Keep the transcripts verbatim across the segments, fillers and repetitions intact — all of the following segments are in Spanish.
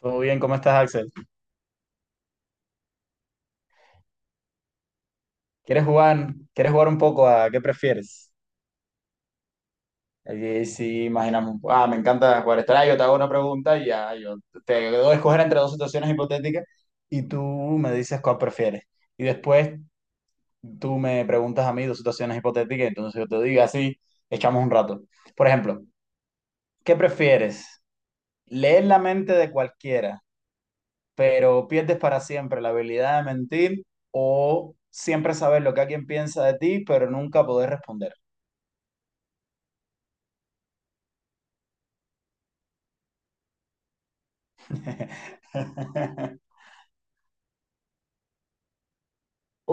Todo bien, ¿cómo estás, Axel? ¿Quieres jugar, quieres jugar un poco a qué prefieres? Allí sí, imaginamos. Ah, me encanta jugar esto. Ah, yo te hago una pregunta y ya, yo te doy a escoger entre dos situaciones hipotéticas y tú me dices cuál prefieres. Y después tú me preguntas a mí dos situaciones hipotéticas, entonces yo te digo así, echamos un rato. Por ejemplo, ¿qué prefieres? ¿Leer la mente de cualquiera, pero pierdes para siempre la habilidad de mentir, o siempre saber lo que alguien piensa de ti, pero nunca poder responder?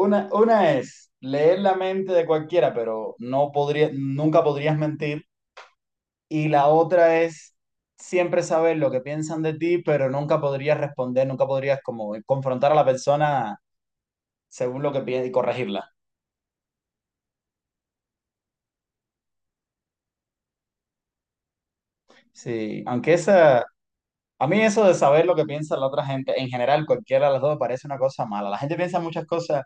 Una, una es leer la mente de cualquiera, pero no podría, nunca podrías mentir. Y la otra es siempre saber lo que piensan de ti, pero nunca podrías responder, nunca podrías como confrontar a la persona según lo que piensa y corregirla. Sí, aunque esa, a mí eso de saber lo que piensa la otra gente, en general cualquiera de las dos me parece una cosa mala. La gente piensa muchas cosas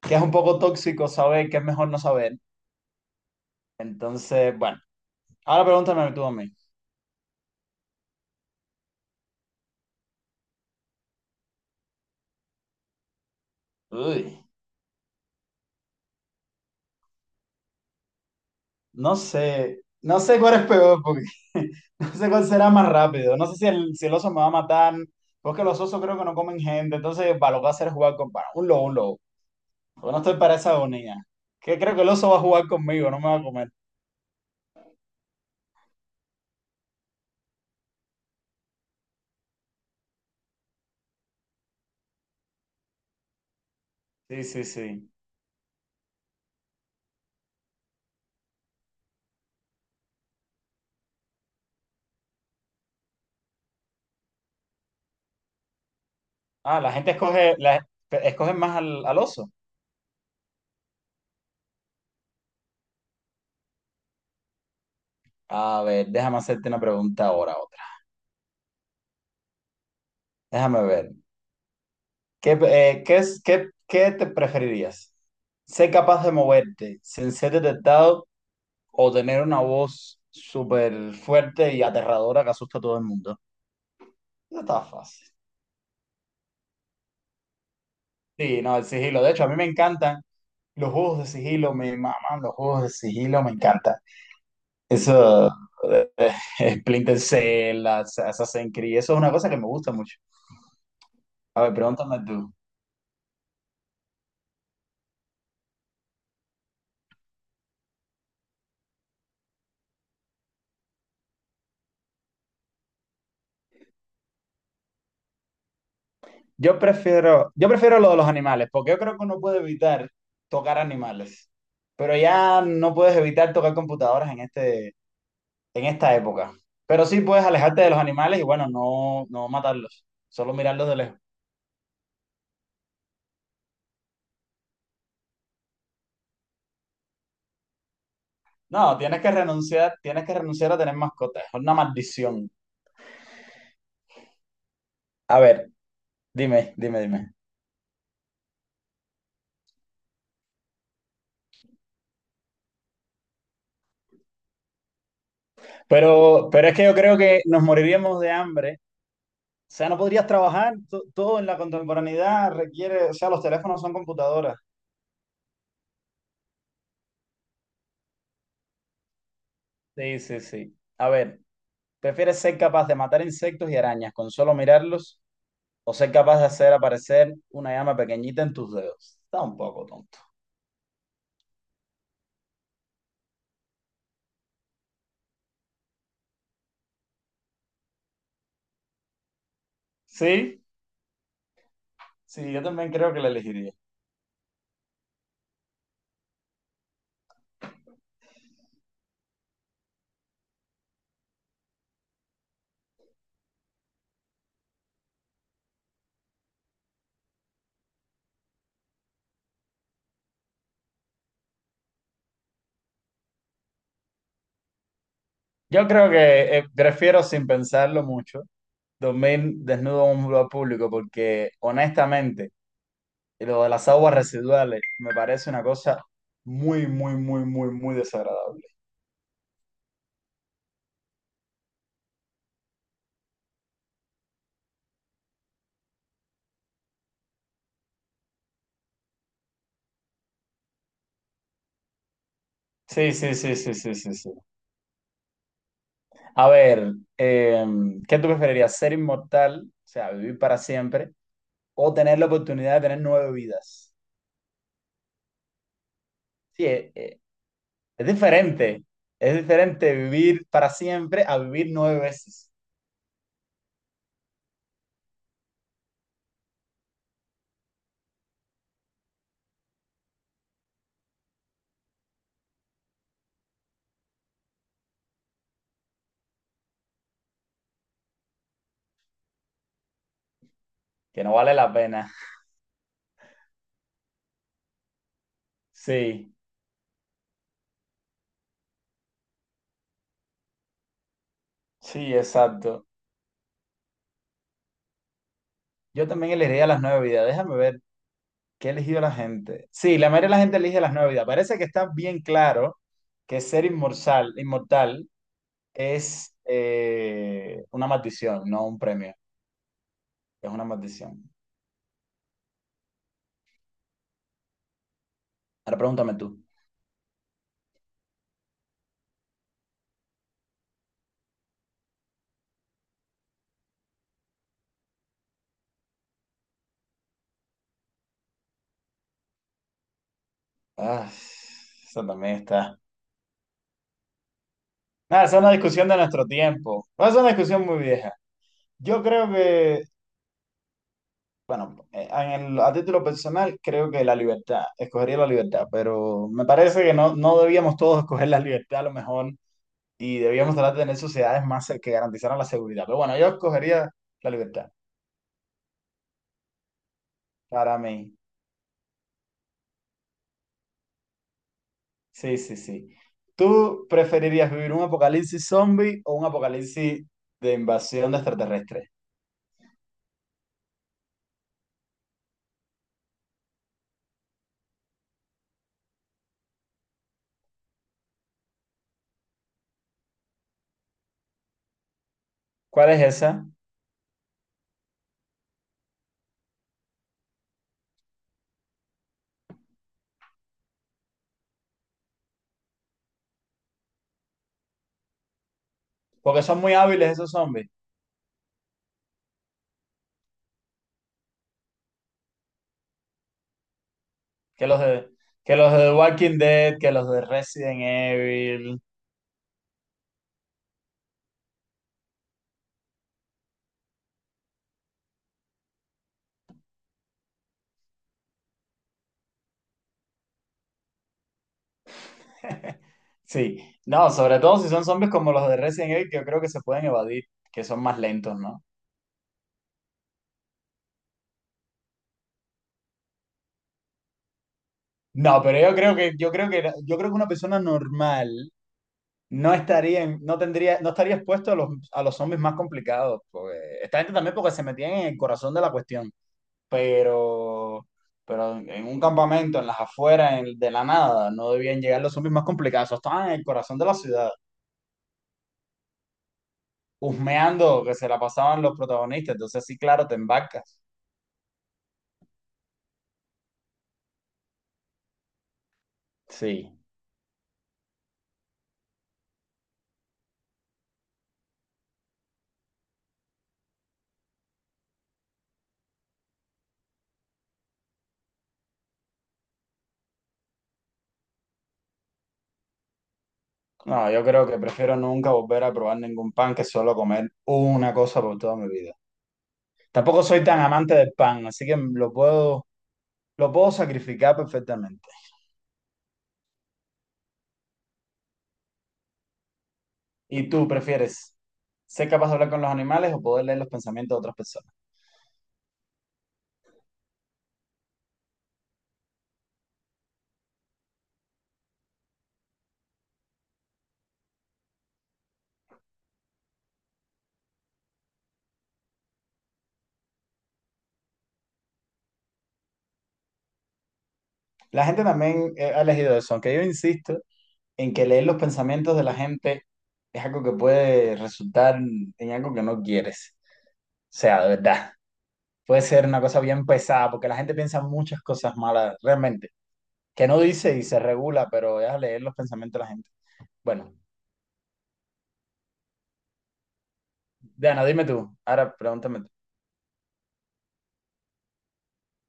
que es un poco tóxico saber, que es mejor no saber. Entonces, bueno, ahora pregúntame tú a mí. Uy. No sé, no sé cuál es peor, porque no sé cuál será más rápido. No sé si el, si el oso me va a matar, porque los osos creo que no comen gente, entonces para lo que va a hacer es jugar con para un lobo, un lobo. Yo no estoy para esa agonía. Que creo que el oso va a jugar conmigo, no me va a comer. Sí, sí, sí. Ah, la gente escoge, la, escoge más al, al oso. A ver, déjame hacerte una pregunta ahora, otra. Déjame ver. ¿Qué, eh, qué, es- qué, qué te preferirías? ¿Ser capaz de moverte sin ser detectado o tener una voz súper fuerte y aterradora que asusta a todo el mundo? Eso está fácil. Sí, no, el sigilo. De hecho, a mí me encantan los juegos de sigilo, me maman los juegos de sigilo, me encantan. Eso, eh, eh, Splinter Cell, As- Assassin's Creed, eso es una cosa que me gusta mucho. A ver, pregúntame tú. Yo prefiero, yo prefiero lo de los animales, porque yo creo que uno puede evitar tocar animales, pero ya no puedes evitar tocar computadoras en este, en esta época. Pero sí puedes alejarte de los animales y bueno, no, no matarlos, solo mirarlos de lejos. No, tienes que renunciar, tienes que renunciar a tener mascotas, es una maldición. A ver, dime, dime, dime. Pero, pero es que yo creo que nos moriríamos de hambre. O sea, no podrías trabajar, to- todo en la contemporaneidad requiere, o sea, los teléfonos son computadoras. Sí, sí, sí. A ver, ¿prefieres ser capaz de matar insectos y arañas con solo mirarlos, o ser capaz de hacer aparecer una llama pequeñita en tus dedos? Está un poco tonto. Sí, sí, yo también creo que la elegiría. Yo creo que eh, prefiero sin pensarlo mucho dormir desnudo en un lugar público, porque honestamente lo de las aguas residuales me parece una cosa muy, muy, muy, muy, muy desagradable. Sí, sí, sí, sí, sí, sí, sí. A ver, eh, ¿qué tú preferirías? ¿Ser inmortal, o sea, vivir para siempre, o tener la oportunidad de tener nueve vidas? Sí, eh, eh, es diferente. Es diferente vivir para siempre a vivir nueve veces. Que no vale la pena. Sí, sí, exacto. Yo también elegiría las nueve vidas. Déjame ver qué ha elegido la gente. Sí, la mayoría de la gente elige las nueve vidas. Parece que está bien claro que ser inmortal, inmortal es eh, una maldición, no un premio. Es una maldición. Ahora pregúntame tú. Ah, eso también está. Nada, esa es una discusión de nuestro tiempo. Esa es una discusión muy vieja. Yo creo que Bueno, eh, en el- a título personal creo que la libertad, escogería la libertad, pero me parece que no, no debíamos todos escoger la libertad a lo mejor, y debíamos tratar de tener sociedades más se- que garantizaran la seguridad. Pero bueno, yo escogería la libertad para mí. Sí, sí, sí. ¿Tú preferirías vivir un apocalipsis zombie o un apocalipsis de invasión de extraterrestres? ¿Cuál es esa? Porque son muy hábiles esos zombies, que los de, que los de The Walking Dead, que los de Resident Evil. Sí, no, sobre todo si son zombies como los de Resident Evil, que yo creo que se pueden evadir, que son más lentos, ¿no? No, pero yo creo que, yo creo que, yo creo que una persona normal no estaría, en- no tendría, no estaría expuesto a los, a los zombies más complicados, porque esta gente también porque se metían en el corazón de la cuestión, pero, pero, en un campamento, en las afueras, en- de la nada, no debían llegar los zombies más complicados, esos estaban en el corazón de la ciudad, husmeando que se la pasaban los protagonistas, entonces sí, claro, te embarcas. Sí. No, yo creo que prefiero nunca volver a probar ningún pan que solo comer una cosa por toda mi vida. Tampoco soy tan amante del pan, así que lo puedo, lo puedo sacrificar perfectamente. ¿Y tú prefieres ser capaz de hablar con los animales o poder leer los pensamientos de otras personas? La gente también eh, ha elegido eso, aunque yo insisto en que leer los pensamientos de la gente es algo que puede resultar en algo que no quieres. O sea, de verdad, puede ser una cosa bien pesada porque la gente piensa muchas cosas malas realmente. Que no dice y se regula, pero es a leer los pensamientos de la gente. Bueno, Diana, dime tú. Ahora pregúntame tú.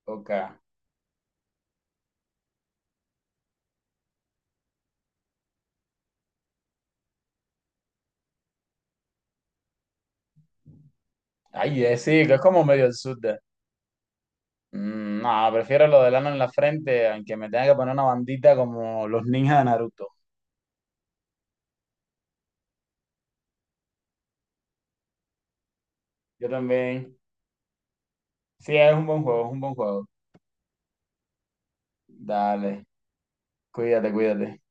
Ok. Ay, eh, sí, que es como medio el sur de... Mm, no, prefiero lo del ano en la frente, aunque me tenga que poner una bandita como los ninjas de Naruto. Yo también. Sí, es un buen juego, es un buen juego. Dale, cuídate, cuídate.